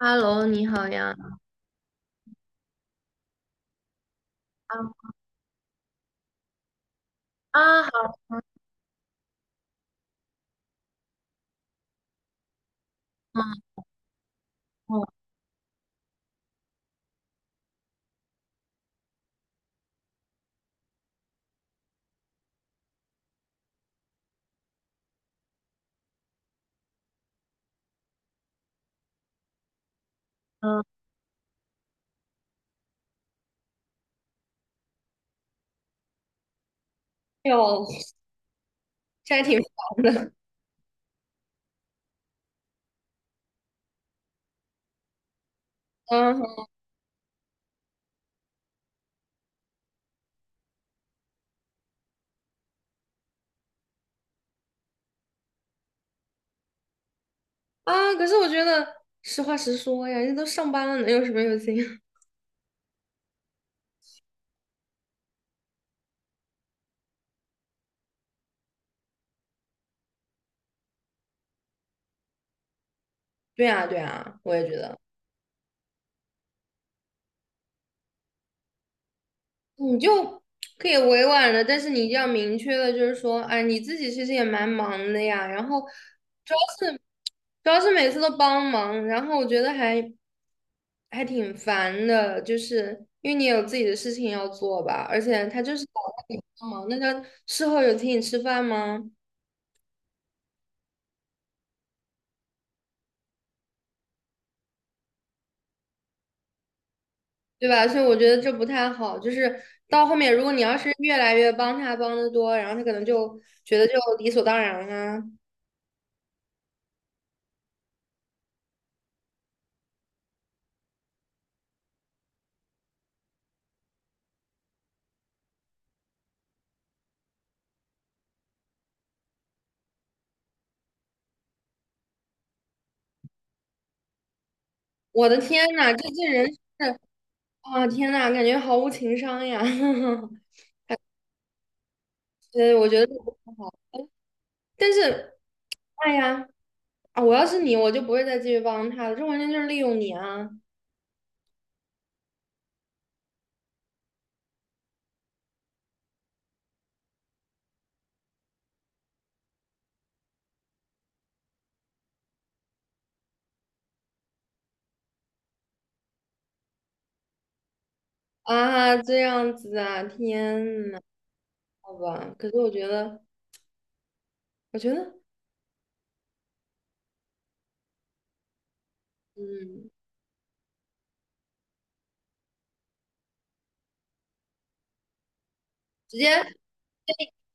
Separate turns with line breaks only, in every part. Hello，你好呀。啊啊，好，嗯嗯嗯，哎呦，这还挺忙的。嗯哼啊，可是我觉得实话实说呀，人家都上班了，能有什么用心？对啊，对啊，我也觉得，你就可以委婉的，但是你一定要明确的，就是说，哎，你自己其实也蛮忙的呀。然后主要是主要是每次都帮忙，然后我觉得还挺烦的，就是因为你有自己的事情要做吧，而且他就是老让你帮忙，那他事后有请你吃饭吗？对吧？所以我觉得这不太好。就是到后面，如果你要是越来越帮他帮的多，然后他可能就觉得就理所当然啊。我的天呐，这人是啊，天呐，感觉毫无情商呀。所以我觉得这不太好。但是，哎呀，啊，我要是你，我就不会再继续帮他了，这完全就是利用你啊。啊，这样子啊，天呐，好吧。可是我觉得，嗯，直接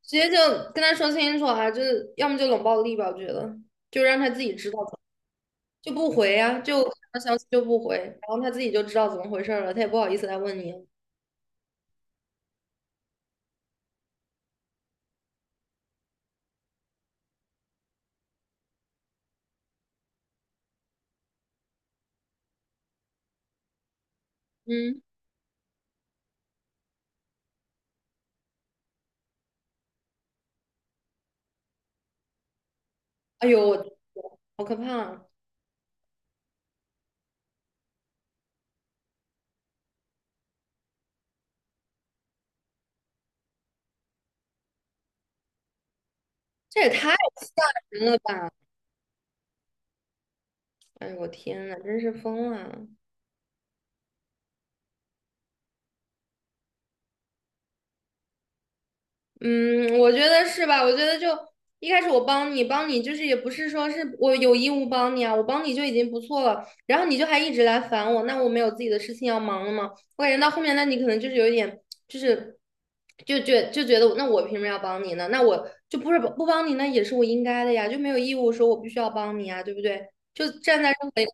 直接就跟他说清楚啊，就是要么就冷暴力吧，我觉得，就让他自己知道，就不回啊，就看到消息就不回，然后他自己就知道怎么回事儿了，他也不好意思来问你。嗯，哎呦，我好可怕啊这也太吓人了吧！哎呦，我天呐，真是疯了。嗯，我觉得是吧？我觉得就一开始我帮你就是也不是说是我有义务帮你啊，我帮你就已经不错了。然后你就还一直来烦我，那我没有自己的事情要忙了吗？我感觉到后面，那你可能就是有一点，就是就觉得我，那我凭什么要帮你呢？那我就不是不帮你，那也是我应该的呀，就没有义务说我必须要帮你啊，对不对？就站在任何一个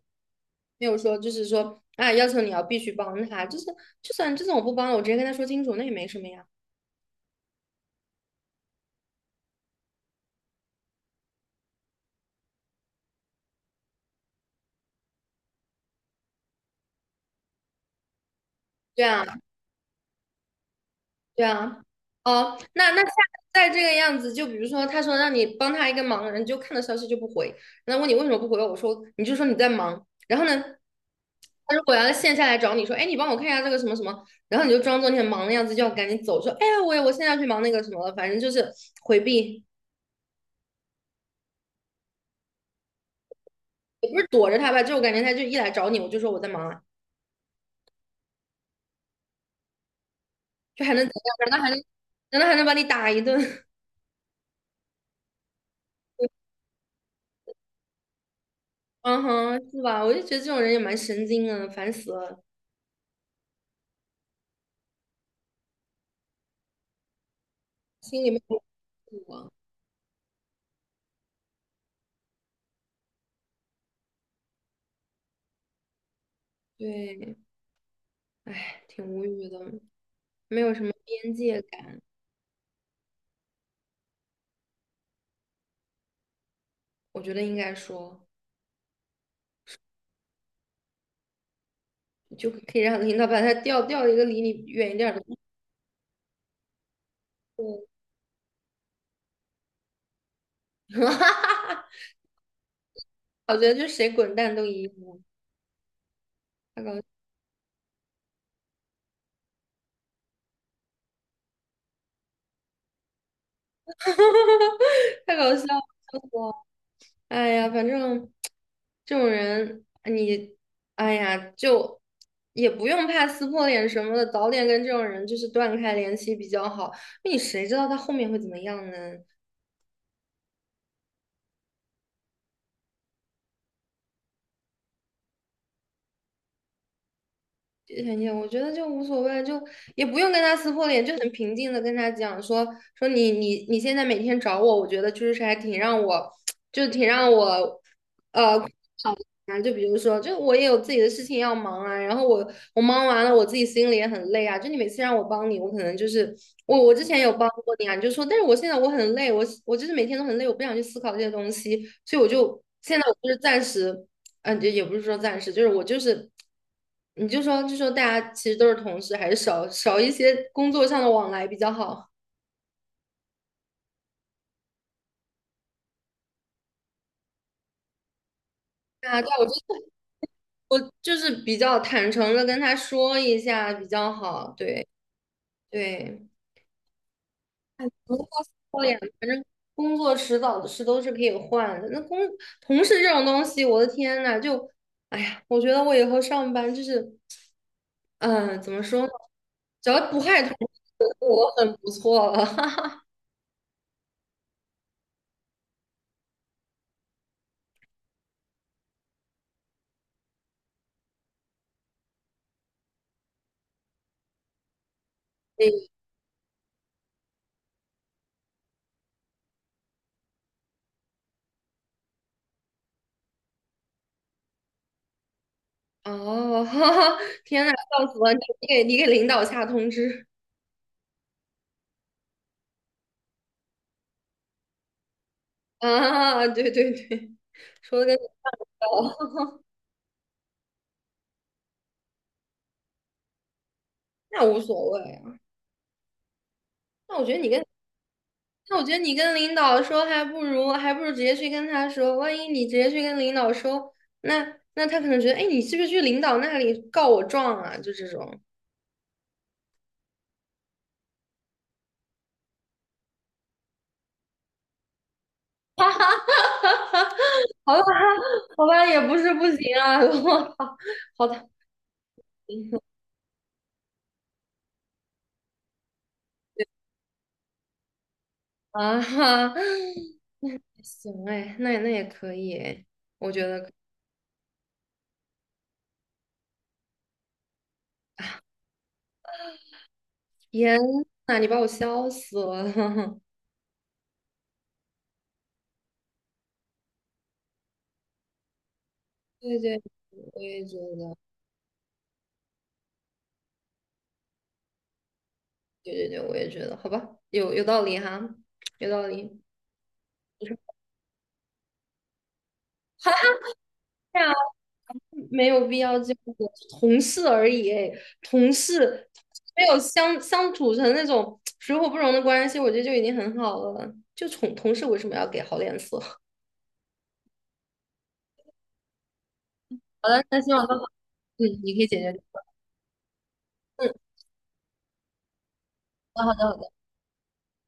没有说就是说啊，要求你要必须帮他，就是就算我不帮了，我直接跟他说清楚，那也没什么呀。对啊。对啊，哦，那下次再这个样子，就比如说他说让你帮他一个忙，你就看到消息就不回，然后问你为什么不回，我说你就说你在忙，然后呢，他如果要线下来找你说，哎，你帮我看一下这个什么什么，然后你就装作你很忙的样子，就要赶紧走，说，哎呀，我现在要去忙那个什么了，反正就是回避，也不是躲着他吧，就我感觉他就一来找你，我就说我在忙啊，就还能怎样？难道还能把你打一顿？嗯哼，是吧？我就觉得这种人也蛮神经的，烦死了，心里面有数啊。对，哎，挺无语的，没有什么边界感。我觉得应该说，你就可以让领导把他调一个离你远一点儿的部分。我觉得就谁滚蛋都一样，太搞笑，太搞笑。哎呀，反正这种人，你，哎呀，就也不用怕撕破脸什么的，早点跟这种人就是断开联系比较好。那你谁知道他后面会怎么样呢？很也，我觉得就无所谓，就也不用跟他撕破脸，就很平静的跟他讲说你现在每天找我，我觉得就是还挺让我，就挺让我。呃。啊，就比如说，就我也有自己的事情要忙啊，然后我忙完了，我自己心里也很累啊。就你每次让我帮你，我可能就是我之前有帮过你啊，你就说，但是我现在我很累，我就是每天都很累，我不想去思考这些东西，所以我就现在我就是暂时，就也不是说暂时，就是我就是，你就说大家其实都是同事，还是少少一些工作上的往来比较好。对啊，对啊我就是比较坦诚的跟他说一下比较好，对对。不过说呀，反正工作迟早的事都是可以换的。那同事这种东西，我的天呐，就，哎呀，我觉得我以后上班就是，嗯、怎么说呢？只要不害同事，我都很不错了。嗯哦，哈哈，天呐，笑死了！你给领导下通知 啊？对对对，说的跟你一样 那无所谓啊。那我觉得你跟那我觉得你跟领导说，还不如直接去跟他说。万一你直接去跟领导说，那他可能觉得，哎，你是不是去领导那里告我状啊？就这种，好吧，也不是不行啊。我操，好的啊哈，行哎，那也可以哎，我觉得可以，天呐，你把我笑死了。对对，我也觉得，对对对，我也觉得，好吧，有道理哈，有道理。你说，哈哈。没有必要这样子，同事而已，哎，同事没有相处成那种水火不容的关系，我觉得就已经很好了。就同事为什么要给好脸色？好的，那希望都好，嗯，你可以解决。嗯，那好。